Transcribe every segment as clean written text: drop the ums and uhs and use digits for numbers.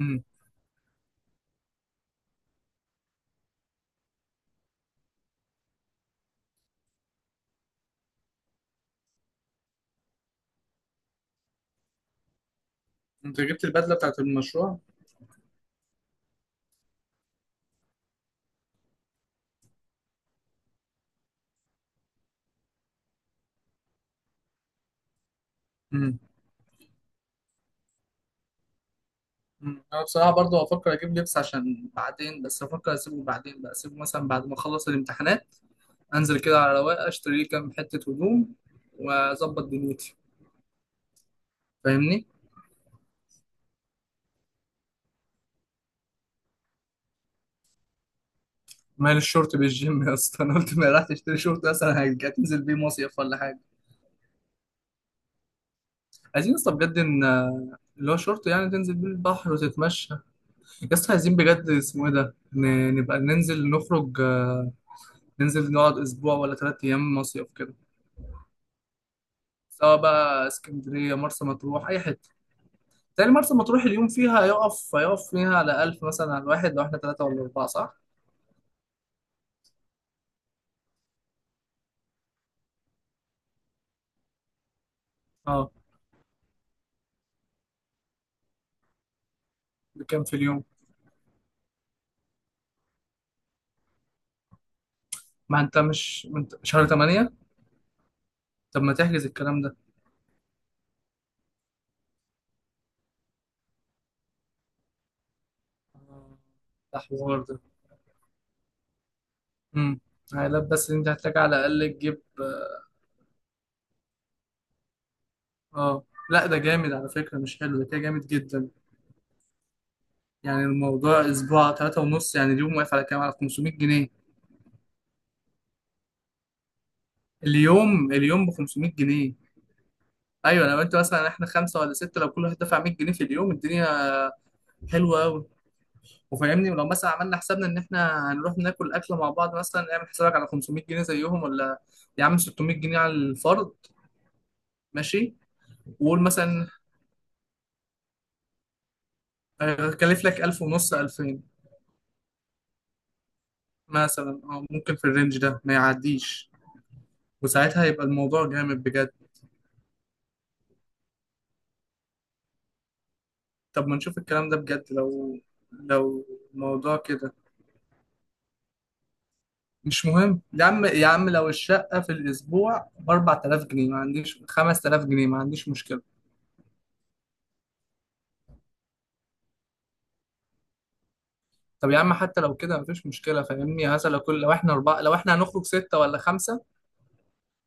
امم انت جبت البدله بتاعت المشروع؟ امم أمم. انا بصراحه برضه هفكر اجيب لبس عشان بعدين، بس هفكر اسيبه بعدين، بقى اسيبه مثلا بعد ما اخلص الامتحانات، انزل كده على رواقه اشتري لي كام حته هدوم واظبط دنيتي. فاهمني؟ مال الشورت بالجيم يا اسطى؟ انا قلت ما راح تشتري شورت اصلا، هتنزل بيه مصيف ولا حاجه؟ عايزين يا اسطى بجد ان اللي هو شورت، يعني تنزل بيه البحر وتتمشى. يا اسطى عايزين بجد، اسمه ايه ده، نبقى ننزل نخرج، ننزل نقعد اسبوع ولا ثلاث ايام مصيف كده، سواء بقى اسكندريه، مرسى مطروح، اي حته تاني. مرسى مطروح اليوم فيها هيقف فيها على 1000 مثلا على الواحد، لو احنا ثلاثه ولا اربعه، صح؟ اه، بكام في اليوم؟ ما انت شهر 8. طب ما تحجز الكلام ده؟ آه، ده حوار ده. امم عائلات بس، انت هتحتاج على الاقل تجيب. اه لا، ده جامد على فكره، مش حلو، ده كده جامد جدا. يعني الموضوع اسبوع ثلاثة ونص، يعني اليوم واقف على كام، على 500 جنيه؟ اليوم اليوم ب 500 جنيه. ايوه لو انت مثلا، احنا خمسه ولا سته، لو كل واحد دفع 100 جنيه في اليوم، الدنيا حلوه قوي. وفاهمني ولو مثلا عملنا حسابنا ان احنا هنروح ناكل اكله مع بعض، مثلا نعمل حسابك على 500 جنيه زيهم، ولا يا عم 600 جنيه على الفرد. ماشي. وقول مثلا هكلف لك 1000 ونص، 2000 مثلا. اه ممكن في الرينج ده ما يعديش. وساعتها يبقى الموضوع جامد بجد. طب ما نشوف الكلام ده بجد، لو لو الموضوع كده مش مهم يا عم. لو الشقة في الأسبوع ب 4000 جنيه، ما عنديش 5000 جنيه، ما عنديش مشكلة. طب يا عم حتى لو كده مفيش مشكلة. فاهمني؟ هذا لو كل، لو احنا أربعة، لو احنا هنخرج ستة ولا خمسة.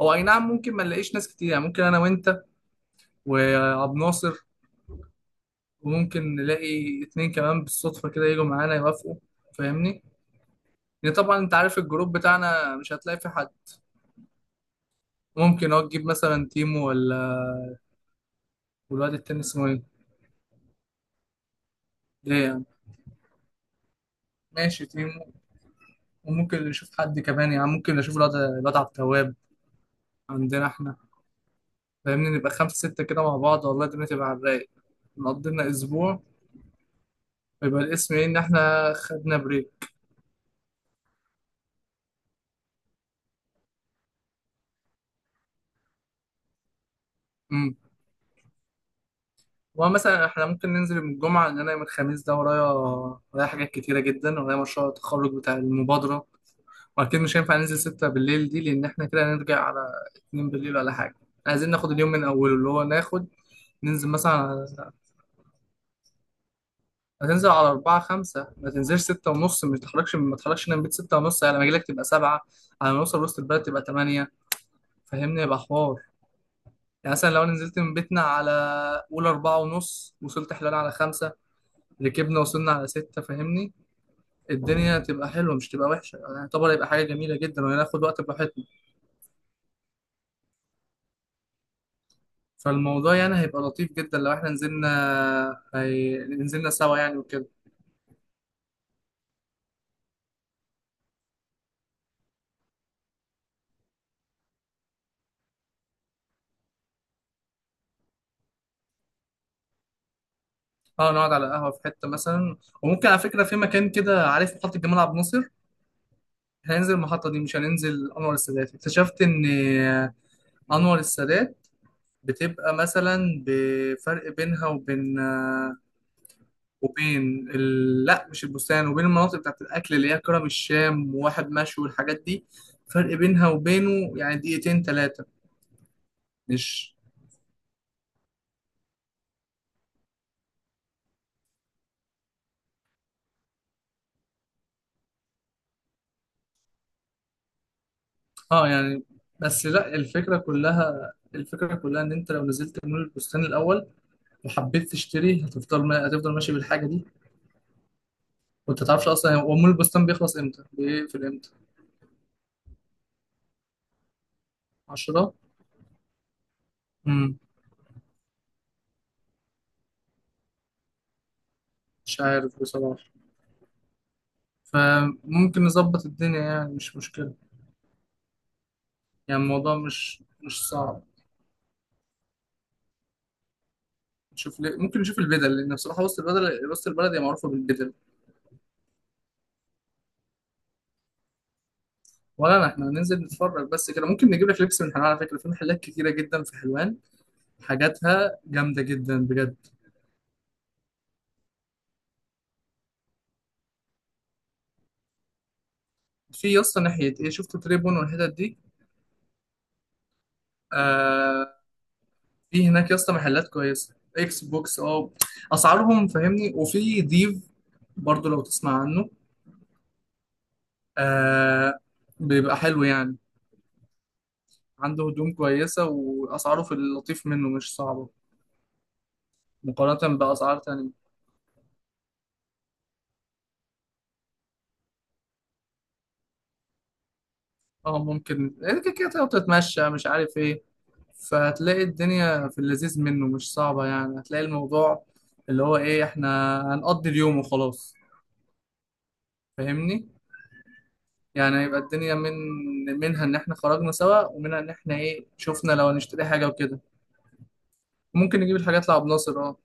هو أي نعم ممكن ما نلاقيش ناس كتير، يعني ممكن أنا وأنت وعبد ناصر، وممكن نلاقي اتنين كمان بالصدفة كده يجوا معانا يوافقوا. فاهمني؟ يعني طبعا أنت عارف الجروب بتاعنا مش هتلاقي فيه حد. ممكن أه تجيب مثلا تيمو، ولا والواد التاني اسمه إيه؟ ليه يعني؟ ماشي تيمو، وممكن نشوف حد كمان. يعني ممكن نشوف الواد عبد التواب عندنا احنا. فاهمني؟ نبقى خمسة ستة كده مع بعض، والله الدنيا تبقى على الرايق. نقضي لنا أسبوع، ويبقى الاسم إيه إن احنا خدنا بريك. أمم. ومثلا احنا ممكن ننزل يوم الجمعة، لأن أنا يوم الخميس ده ورايا، ورايا حاجات كتيرة جدا، ورايا مشروع التخرج بتاع المبادرة. وأكيد مش هينفع ننزل ستة بالليل دي، لأن احنا كده هنرجع على اتنين بالليل ولا حاجة. عايزين ناخد اليوم من أوله، اللي هو ناخد، ننزل مثلا، هتنزل على أربعة خمسة، ما تنزلش ستة ونص. ما تتحركش، من بيت ستة ونص، على ما أجيلك تبقى سبعة، على ما نوصل وسط البلد تبقى تمانية. فاهمني؟ يبقى حوار. يعني مثلا لو أنا نزلت من بيتنا على قول أربعة ونص، وصلت حلال على خمسة، ركبنا وصلنا على ستة. فاهمني؟ الدنيا تبقى حلوة مش تبقى وحشة. يعني يعتبر هيبقى حاجة جميلة جدا وهناخد وقت براحتنا. فالموضوع يعني هيبقى لطيف جدا لو احنا نزلنا، نزلنا سوا يعني وكده. اه نقعد على قهوة في حتة مثلا. وممكن على فكرة في مكان كده، عارف محطة جمال عبد الناصر؟ هننزل المحطة دي، مش هننزل أنور السادات. اكتشفت إن أنور السادات بتبقى مثلا بفرق بينها وبين، وبين لا مش البستان، وبين المناطق بتاعت الأكل اللي هي كرم الشام وواحد مشوي والحاجات دي. فرق بينها وبينه يعني دقيقتين تلاتة. مش اه يعني، بس لا الفكرة كلها، الفكرة كلها إن أنت لو نزلت مول البستان الأول وحبيت تشتري، هتفضل ما... هتفضل ماشي بالحاجة دي. وأنت تعرفش أصلا هو مول البستان بيخلص إمتى بيقفل إمتى؟ عشرة. مم. مش عارف بصراحة. فممكن نظبط الدنيا، يعني مش مشكلة. يعني الموضوع مش صعب. نشوف ليه ممكن نشوف البدل، لأن بصراحة وسط البلد، هي معروفة بالبدل. ولا أنا إحنا هننزل نتفرج بس كده. ممكن نجيب لك لبس من حلوان على فكرة، في محلات كتيرة جدا في حلوان، حاجاتها جامدة جدا بجد. في يا اسطى ناحية إيه، شفت تريبون والحتت دي؟ آه، في هناك يا اسطى محلات كويسة، إكس بوكس أه، أسعارهم فاهمني. وفي ديف برضو لو تسمع عنه آه، بيبقى حلو يعني. عنده هدوم كويسة، وأسعاره في اللطيف منه مش صعبة مقارنة بأسعار تانية. اه ممكن إيه، كده كده تقعد تتمشى مش عارف ايه. فهتلاقي الدنيا في اللذيذ منه مش صعبة. يعني هتلاقي الموضوع اللي هو ايه، احنا هنقضي اليوم وخلاص. فاهمني؟ يعني هيبقى الدنيا منها ان احنا خرجنا سوا، ومنها ان احنا ايه شفنا لو هنشتري حاجة وكده. ممكن نجيب الحاجات لعب ناصر اه.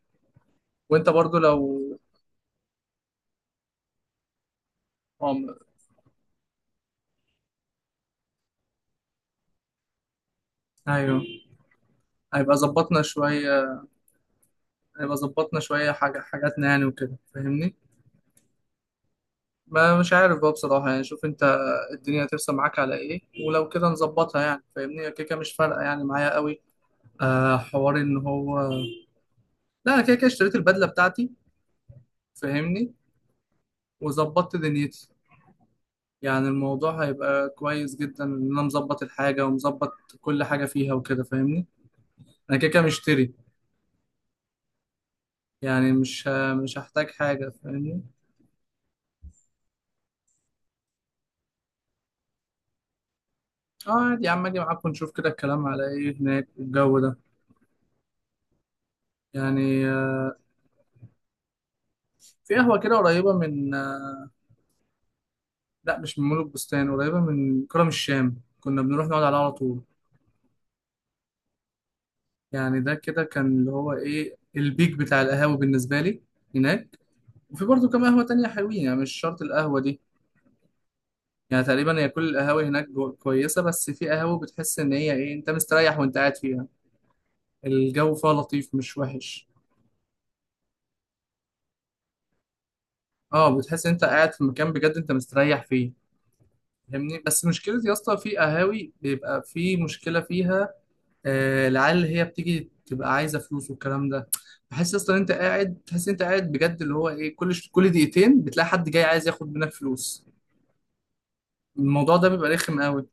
وانت برضو لو اه. ايوه. هيبقى ظبطنا شوية، هيبقى ظبطنا شوية حاجة حاجاتنا يعني وكده. فاهمني؟ ما مش عارف بقى بصراحة. يعني شوف انت الدنيا هترسم معاك على ايه، ولو كده نظبطها. يعني فاهمني هي كده كده مش فارقة يعني معايا قوي. آه حوار ان هو، لا أنا كده كده اشتريت البدلة بتاعتي. فاهمني؟ وظبطت دنيتي. يعني الموضوع هيبقى كويس جدا ان انا مظبط الحاجة ومظبط كل حاجة فيها وكده. فاهمني؟ انا كده كده مشتري، يعني مش هحتاج حاجة. فاهمني؟ اه عادي يا عم اجي معاكم نشوف كده الكلام على ايه هناك والجو ده يعني. في قهوة كده قريبة من، لا مش من مول البستان، قريبة من كرم الشام، كنا بنروح نقعد عليها على طول. يعني ده كده كان اللي هو ايه البيك بتاع القهاوي بالنسبة لي هناك. وفي برضه كام قهوة تانية حلوين، يعني مش شرط القهوة دي. يعني تقريبا هي كل القهاوي هناك كويسة. بس في قهوة بتحس ان هي ايه، انت مستريح وانت قاعد فيها. الجو فيها لطيف مش وحش. اه بتحس ان انت قاعد في مكان بجد انت مستريح فيه. فاهمني؟ بس مشكلة يا اسطى في قهاوي بيبقى في مشكلة فيها، العيال اللي هي بتيجي تبقى عايزه فلوس والكلام ده. بحس اصلا انت قاعد، تحس انت قاعد بجد اللي هو ايه، كل كل دقيقتين بتلاقي حد جاي عايز ياخد منك فلوس. الموضوع ده بيبقى رخم قوي.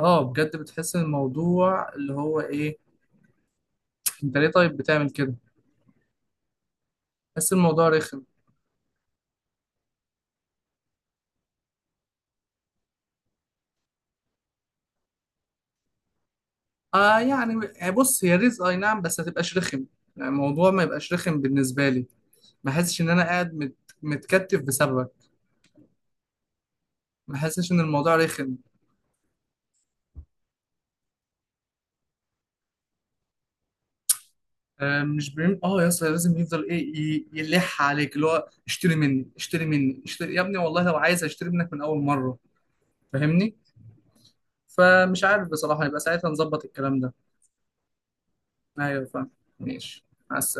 اه بجد بتحس ان الموضوع اللي هو ايه، انت ليه طيب بتعمل كده. بحس الموضوع رخم. اه يعني بص هي رزق اي نعم، بس ما تبقاش رخم. يعني الموضوع ما يبقاش رخم بالنسبه لي. ما احسش ان انا قاعد متكتف بسببك. ما احسش ان الموضوع رخم. آه، مش بيم... اه يا اسطى لازم يفضل ايه يلح عليك اللي هو اشتري مني اشتري مني اشتري يا ابني، والله لو عايز اشتري منك من اول مره. فاهمني؟ فمش عارف بصراحه يبقى ساعتها نظبط الكلام ده. ايوه فاهم. ماشي مع السلامه.